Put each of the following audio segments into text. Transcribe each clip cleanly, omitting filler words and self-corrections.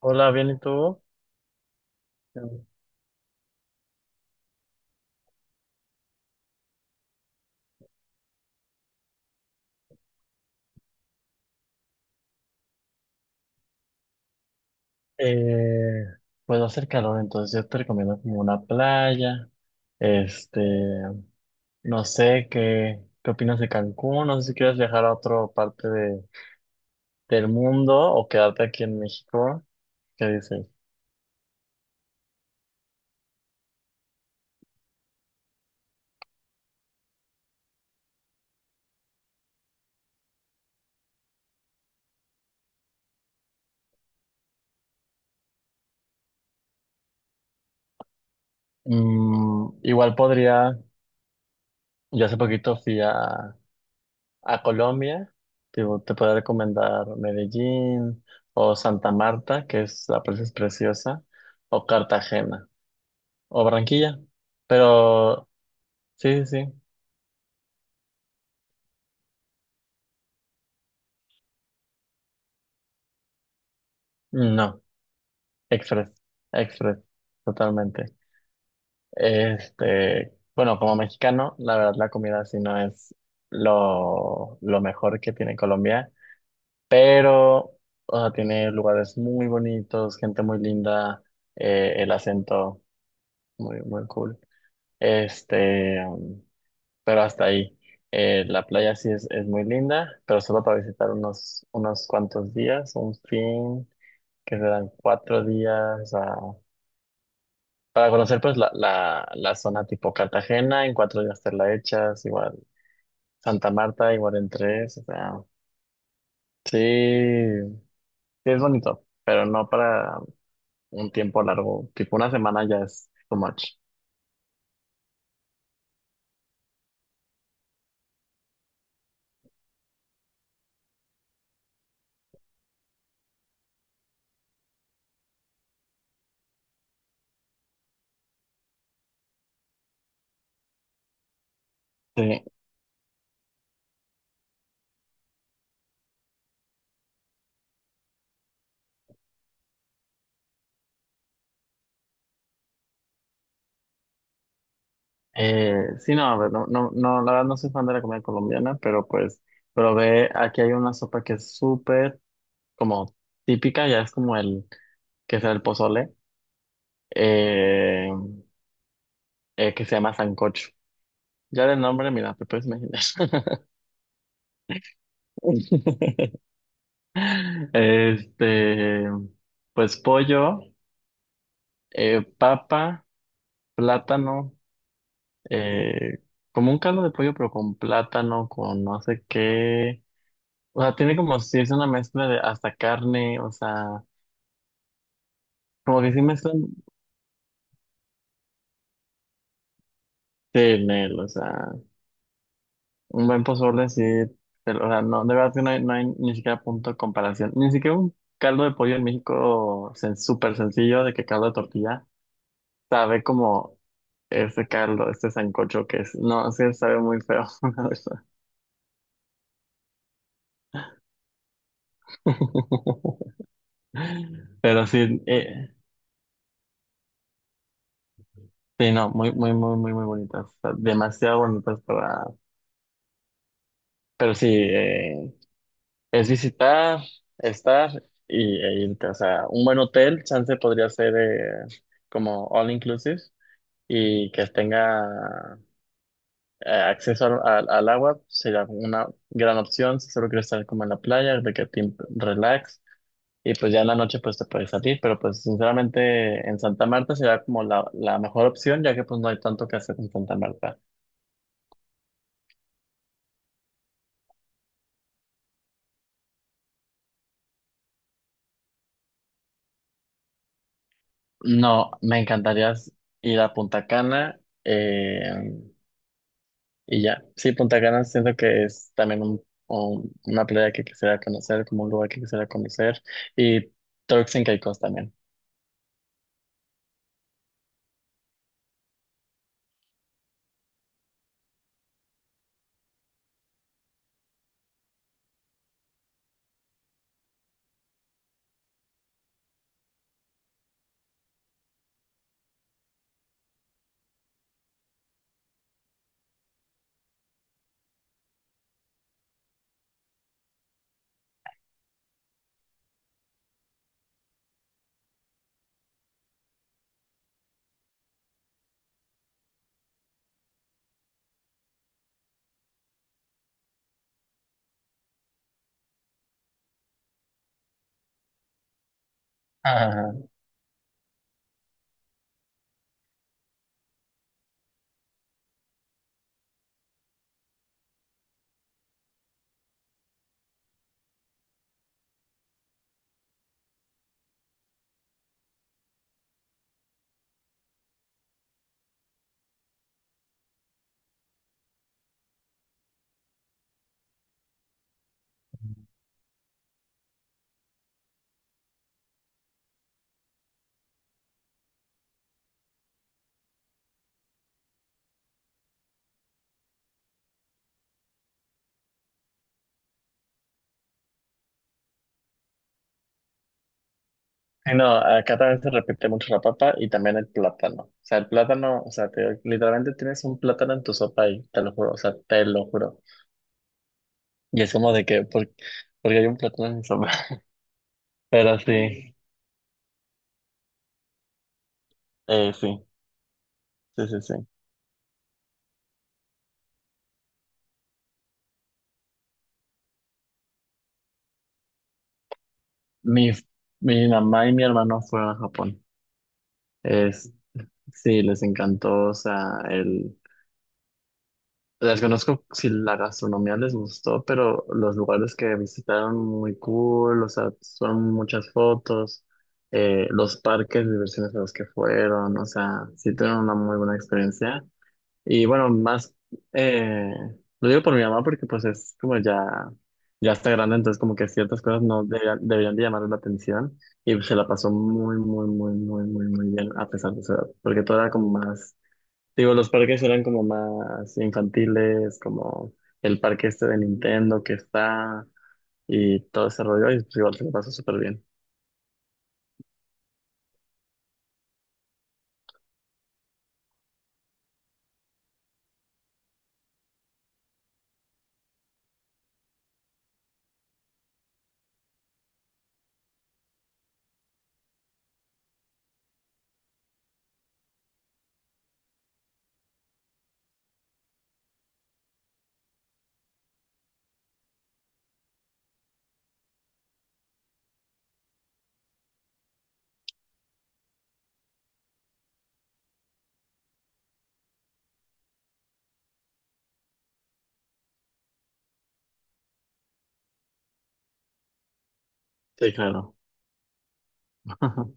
Hola, bien, ¿y tú? Mm. Eh, pues va a hacer calor, entonces yo te recomiendo como una playa. Este, no sé qué opinas de Cancún, no sé si quieres viajar a otra parte del mundo o quedarte aquí en México. ¿Qué dices? Igual podría, yo hace poquito fui a Colombia, tipo, te puedo recomendar Medellín o Santa Marta, que es la presa es preciosa, o Cartagena, o Barranquilla, pero sí, sí, sí, no, Express, Express, totalmente. Bueno, como mexicano, la verdad la comida sí no es lo mejor que tiene Colombia, pero o sea, tiene lugares muy bonitos, gente muy linda, el acento muy, muy cool. Este, um, pero hasta ahí. La playa sí es muy linda, pero solo para visitar unos cuantos días, un fin. Que se dan 4 días para conocer pues la zona tipo Cartagena, en 4 días te la echas, igual Santa Marta, igual en tres. O sea, sí, sí es bonito, pero no para un tiempo largo, tipo una semana ya es too much. Sí, sí, no, a ver, no, no, no, la verdad no soy fan de la comida colombiana, pero pues, pero ve, aquí hay una sopa que es súper como típica, ya es como el, que será el pozole, eh, que se llama sancocho. Ya del nombre, mira, te puedes imaginar. Este, pues pollo, papa, plátano, eh, como un caldo de pollo, pero con plátano, con no sé qué. O sea, tiene como si es una mezcla de hasta carne, o sea, como que sí mezclan de en o sea, un buen pozole sí, pero, o sea, no, de verdad que no hay, no hay ni siquiera punto de comparación, ni siquiera un caldo de pollo en México súper sencillo, de que caldo de tortilla. Sabe como ese caldo, este sancocho que es. No, sí, sabe muy feo, la verdad. Pero sí, sí, no, muy, muy, muy, muy, muy bonitas. O sea, demasiado bonitas para. Pero sí, es visitar, estar y, e irte. O sea, un buen hotel, chance podría ser como all inclusive y que tenga acceso al agua, sería una gran opción. Si solo quieres estar como en la playa, de que te relax. Y pues ya en la noche pues te puedes salir, pero pues sinceramente en Santa Marta será como la mejor opción, ya que pues no hay tanto que hacer en Santa Marta. No, me encantaría ir a Punta Cana y ya. Sí, Punta Cana siento que es también una playa que quisiera conocer, como un lugar que quisiera conocer. Y Turks and Caicos también. Ajá. Y no, acá también se repite mucho la papa y también el plátano. O sea, el plátano, o sea, literalmente tienes un plátano en tu sopa ahí, te lo juro, o sea, te lo juro. Y es como de que, porque hay un plátano en mi sopa. Pero sí, sí, sí, sí, sí. Mi, Mi mamá y mi hermano fueron a Japón. Es, sí, les encantó, o sea, el... Desconozco si la gastronomía les gustó, pero los lugares que visitaron muy cool, o sea, son muchas fotos, los parques de diversiones a los que fueron, o sea, sí tuvieron una muy buena experiencia. Y bueno, más, eh, lo digo por mi mamá porque pues es como ya está grande, entonces como que ciertas cosas no deberían de llamar la atención y se la pasó muy, muy, muy, muy, muy, muy bien a pesar de su edad, porque todo era como más, digo, los parques eran como más infantiles, como el parque este de Nintendo que está y todo ese rollo y pues igual se la pasó súper bien. Sí, claro.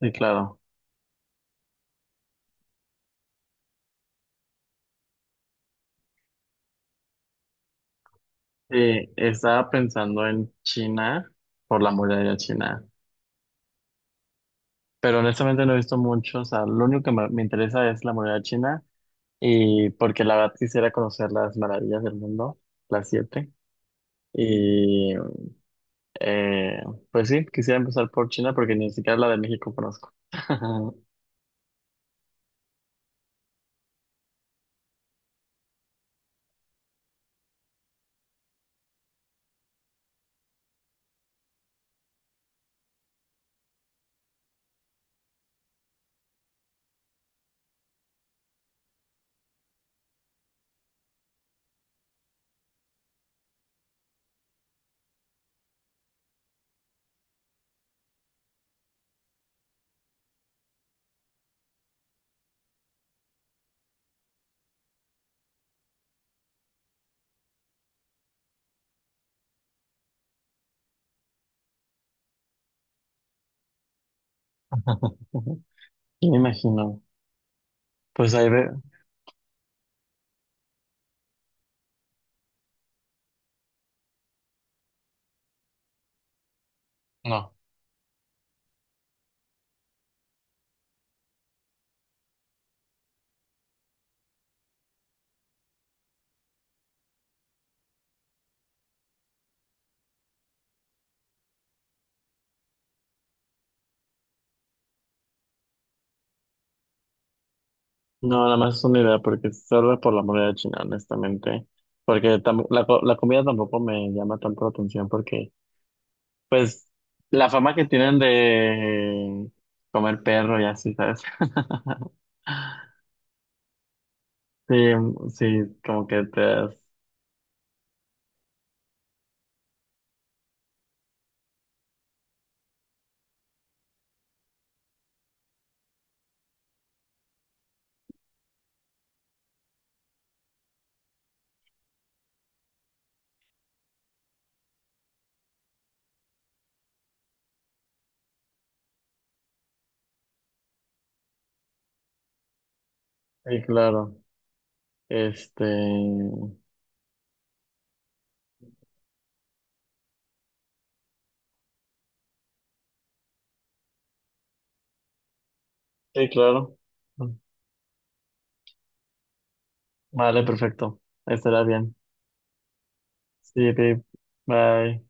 Sí, claro. Sí, estaba pensando en China por la muralla china. Pero honestamente no he visto mucho, o sea, lo único que me interesa es la moneda china y porque la verdad quisiera conocer las maravillas del mundo, las siete. Y eh, pues sí, quisiera empezar por China porque ni siquiera la de México conozco. Y me imagino, pues ahí ve, no, no, nada más es una idea porque solo por la moneda china, honestamente, porque la comida tampoco me llama tanto la atención porque pues la fama que tienen de comer perro y así, ¿sabes? Sí, sí, como que te das. Sí, claro. Este. Sí, claro. Vale, perfecto. Estará bien. Sí, babe. Bye.